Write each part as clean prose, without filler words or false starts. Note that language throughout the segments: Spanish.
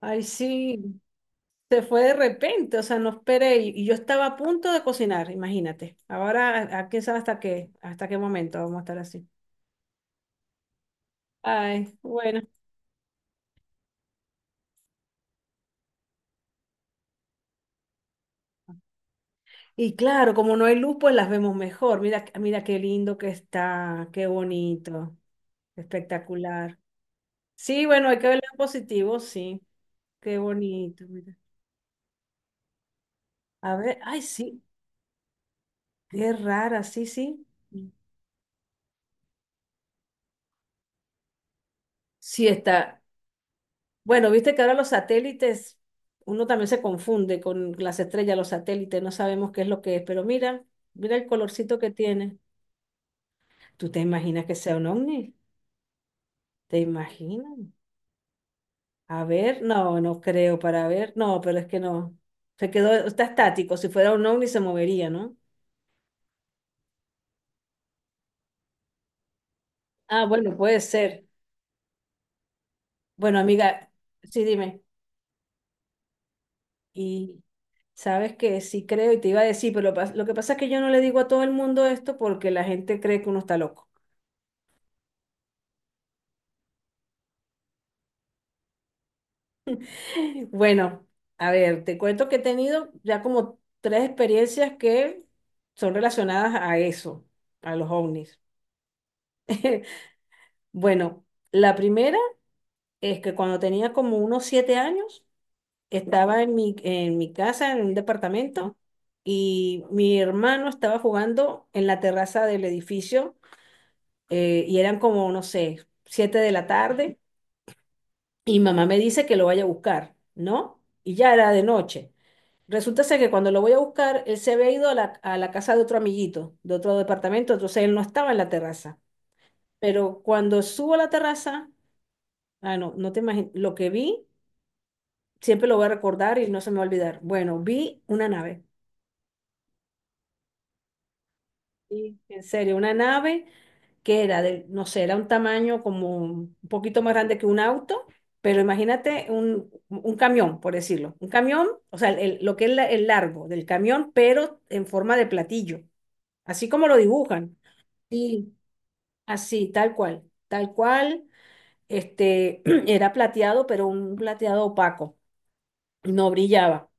Ay, sí, se fue de repente, o sea, no esperé y yo estaba a punto de cocinar, imagínate. Ahora, a quién sabe hasta qué momento vamos a estar así. Ay, bueno. Y claro, como no hay luz, pues las vemos mejor. Mira, mira qué lindo que está, qué bonito, espectacular. Sí, bueno, hay que verlo en positivo, sí. Qué bonito, mira. A ver, ay, sí, qué rara, sí, sí. Sí está. Bueno, viste que ahora los satélites, uno también se confunde con las estrellas, los satélites, no sabemos qué es lo que es, pero mira, mira el colorcito que tiene. ¿Tú te imaginas que sea un ovni? ¿Te imaginas? A ver, no, no creo para ver, no, pero es que no. Se quedó, está estático, si fuera un ovni se movería, ¿no? Ah, bueno, puede ser. Bueno, amiga, sí, dime. Y sabes que sí creo y te iba a decir, pero lo que pasa es que yo no le digo a todo el mundo esto porque la gente cree que uno está loco. Bueno, a ver, te cuento que he tenido ya como tres experiencias que son relacionadas a eso, a los ovnis. Bueno, la primera es que cuando tenía como unos 7 años, estaba en mi casa, en un departamento, y mi hermano estaba jugando en la terraza del edificio, y eran como, no sé, 7 de la tarde, y mamá me dice que lo vaya a buscar, ¿no? Y ya era de noche. Resulta ser que cuando lo voy a buscar, él se había ido a la casa de otro amiguito, de otro departamento, entonces él no estaba en la terraza. Pero cuando subo a la terraza, ah, no, no te imaginas, lo que vi, siempre lo voy a recordar y no se me va a olvidar. Bueno, vi una nave, sí, en serio, una nave que era de, no sé, era un tamaño como un poquito más grande que un auto, pero imagínate un camión, por decirlo. Un camión, o sea, el- lo que es la- el largo del camión, pero en forma de platillo, así como lo dibujan. Sí, así, tal cual, este, era plateado, pero un plateado opaco, no brillaba,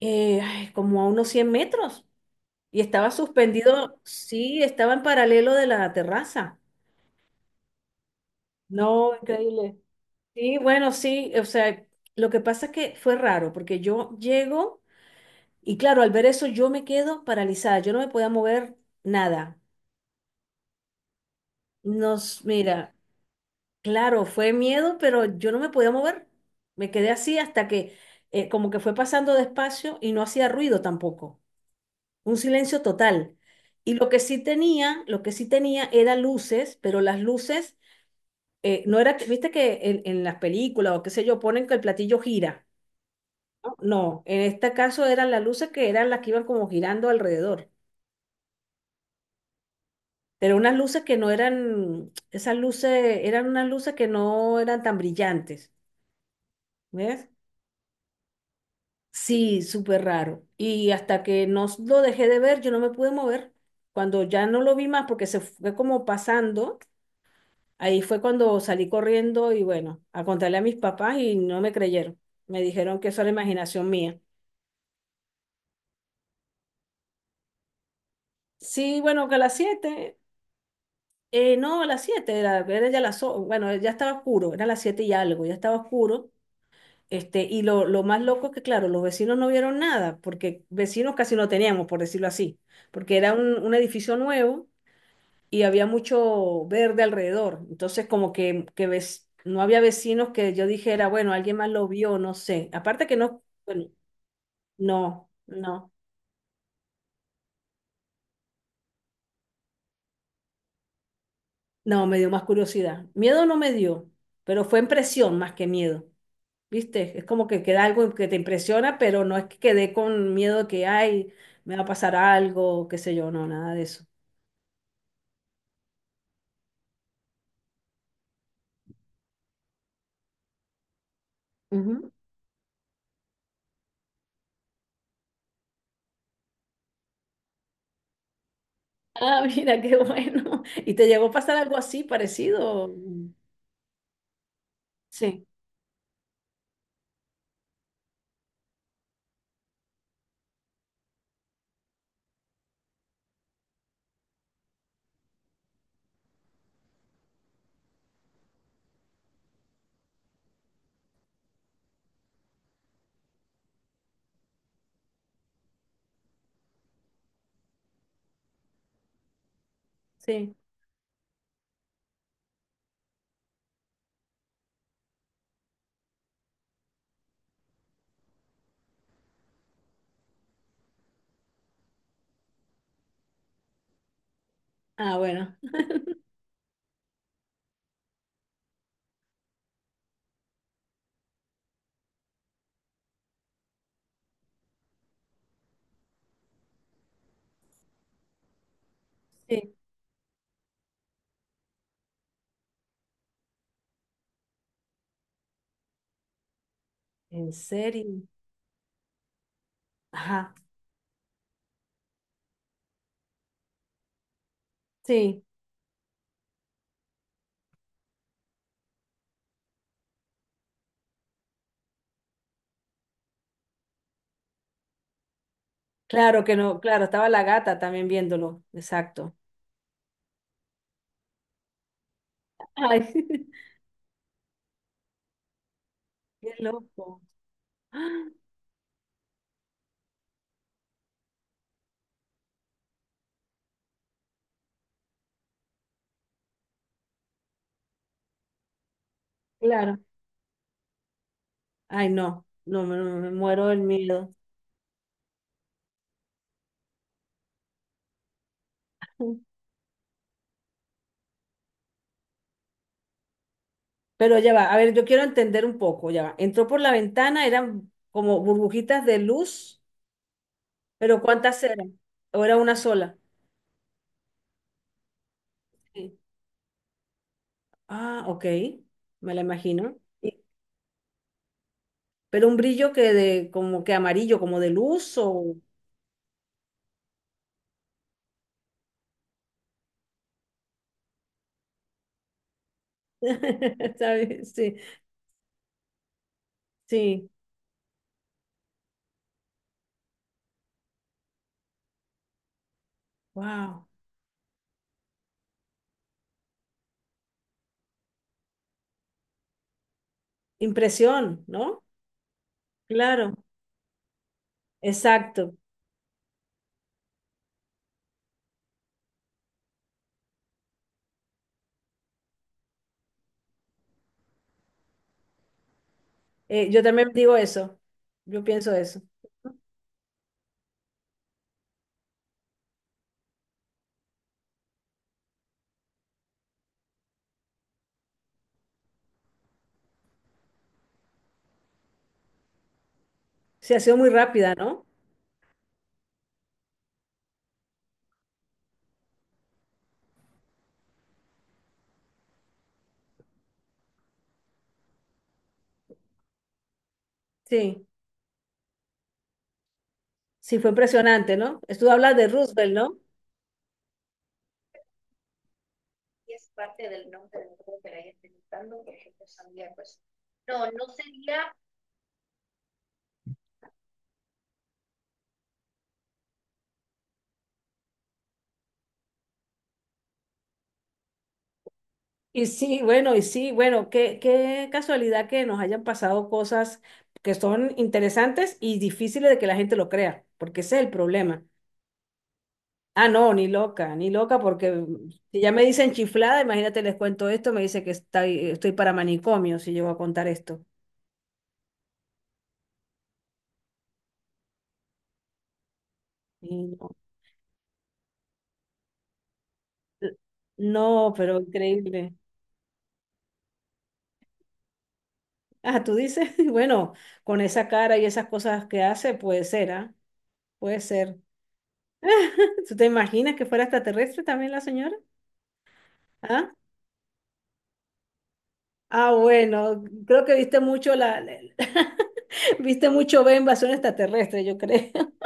ay, como a unos 100 metros, y estaba suspendido, sí, estaba en paralelo de la terraza. No, increíble. Sí, bueno, sí, o sea, lo que pasa es que fue raro, porque yo llego, y claro, al ver eso yo me quedo paralizada, yo no me podía mover nada. Mira, claro, fue miedo, pero yo no me podía mover. Me quedé así hasta que como que fue pasando despacio y no hacía ruido tampoco. Un silencio total. Y lo que sí tenía era luces, pero las luces no era, viste que en las películas o qué sé yo, ponen que el platillo gira. No, no, en este caso eran las luces que eran las que iban como girando alrededor. Pero unas luces que no eran, esas luces, eran unas luces que no eran tan brillantes. ¿Ves? Sí, súper raro. Y hasta que no s- lo dejé de ver, yo no me pude mover. Cuando ya no lo vi más porque se fue como pasando, ahí fue cuando salí corriendo y bueno, a contarle a mis papás y no me creyeron. Me dijeron que eso era imaginación mía. Sí, bueno, que a las 7, no, a las 7 era, era ya bueno, ya estaba oscuro, era las 7 y algo, ya estaba oscuro. Este, y lo más loco es que, claro, los vecinos no vieron nada, porque vecinos casi no teníamos, por decirlo así, porque era un edificio nuevo y había mucho verde alrededor. Entonces, como que ves, no había vecinos que yo dijera, bueno, alguien más lo vio, no sé. Aparte que no, bueno, no, no, no, me dio más curiosidad. Miedo no me dio, pero fue impresión más que miedo. ¿Viste? Es como que queda algo que te impresiona, pero no es que quedé con miedo de que, ay, me va a pasar algo, qué sé yo, no, nada de eso. Ujú. Ah, mira, qué bueno. ¿Y te llegó a pasar algo así parecido? Sí, sí. Ah, bueno. Sí. ¿En serio? Ajá, sí, claro que no, claro, estaba la gata también viéndolo, exacto. Ay, qué loco. Ah, claro, ay, no, no, me, no, me muero del miedo. Pero ya va, a ver, yo quiero entender un poco, ya va. Entró por la ventana, eran como burbujitas de luz, pero ¿cuántas eran? ¿O era una sola? Sí. Ah, ok, me la imagino. Y- Pero un brillo que de, como que amarillo, como de luz o... ¿Sabes? Sí, sí. Wow. Impresión, ¿no? Claro, exacto. Yo también digo eso. Yo pienso eso. Sí, ha sido muy rápida, ¿no? Sí, sí, fue impresionante, ¿no? Estuvo hablando de Roosevelt, ¿no? Y sí, bueno, qué casualidad que nos hayan pasado cosas que son interesantes y difíciles de que la gente lo crea, porque ese es el problema. Ah, no, ni loca, ni loca, porque si ya me dicen chiflada, imagínate, les cuento esto, me dice que estoy para manicomio si llego a contar esto. Sí, no, L- no, pero increíble. Ah, tú dices, bueno, con esa cara y esas cosas que hace, puede ser, ¿ah? Puede ser. ¿Tú te imaginas que fuera extraterrestre también la señora? ¿Ah? Ah, bueno, creo que viste mucho viste mucho ve invasión extraterrestre, yo creo.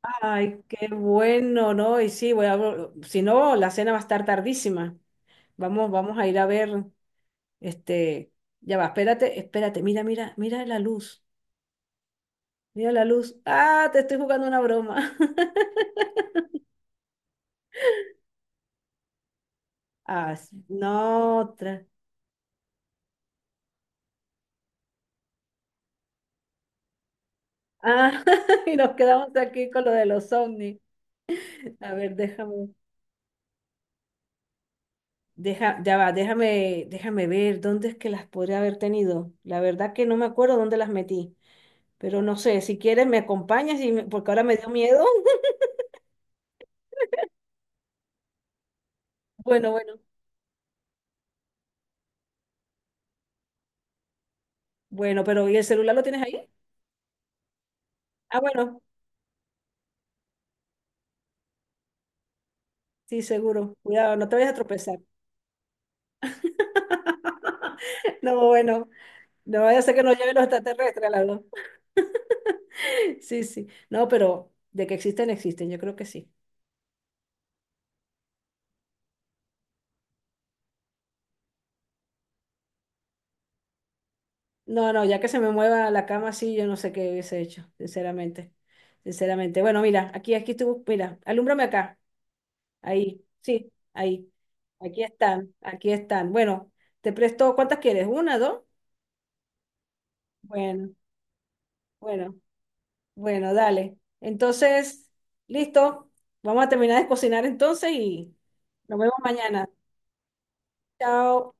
Ay, qué bueno, ¿no? Y sí, voy a, si no, la cena va a estar tardísima. Vamos, vamos a ir a ver, este, ya va, espérate, espérate, mira, mira, mira la luz. Mira la luz. Ah, te estoy jugando una broma. Ah, sí, no, otra. Ah, y nos quedamos aquí con lo de los ovnis. A ver, déjame, deja, ya va, déjame, déjame ver dónde es que las podría haber tenido. La verdad que no me acuerdo dónde las metí, pero no sé, si quieres me acompañas y porque ahora me dio miedo. Bueno, bueno, bueno, pero ¿y el celular lo tienes ahí? Ah, bueno, sí, seguro. Cuidado, no te vayas a tropezar. No, bueno, no vaya a ser que nos lleven los extraterrestres, la Sí, sí. No, pero de que existen, existen, yo creo que sí. No, no, ya que se me mueva la cama así, yo no sé qué hubiese hecho, sinceramente. Sinceramente. Bueno, mira, aquí, aquí estuvo, mira, alúmbrame acá. Ahí, sí, ahí. Aquí están, aquí están. Bueno, te presto, ¿cuántas quieres? ¿Una, dos? Bueno, bueno, bueno, dale. Entonces, listo. Vamos a terminar de cocinar entonces y nos vemos mañana. Chao.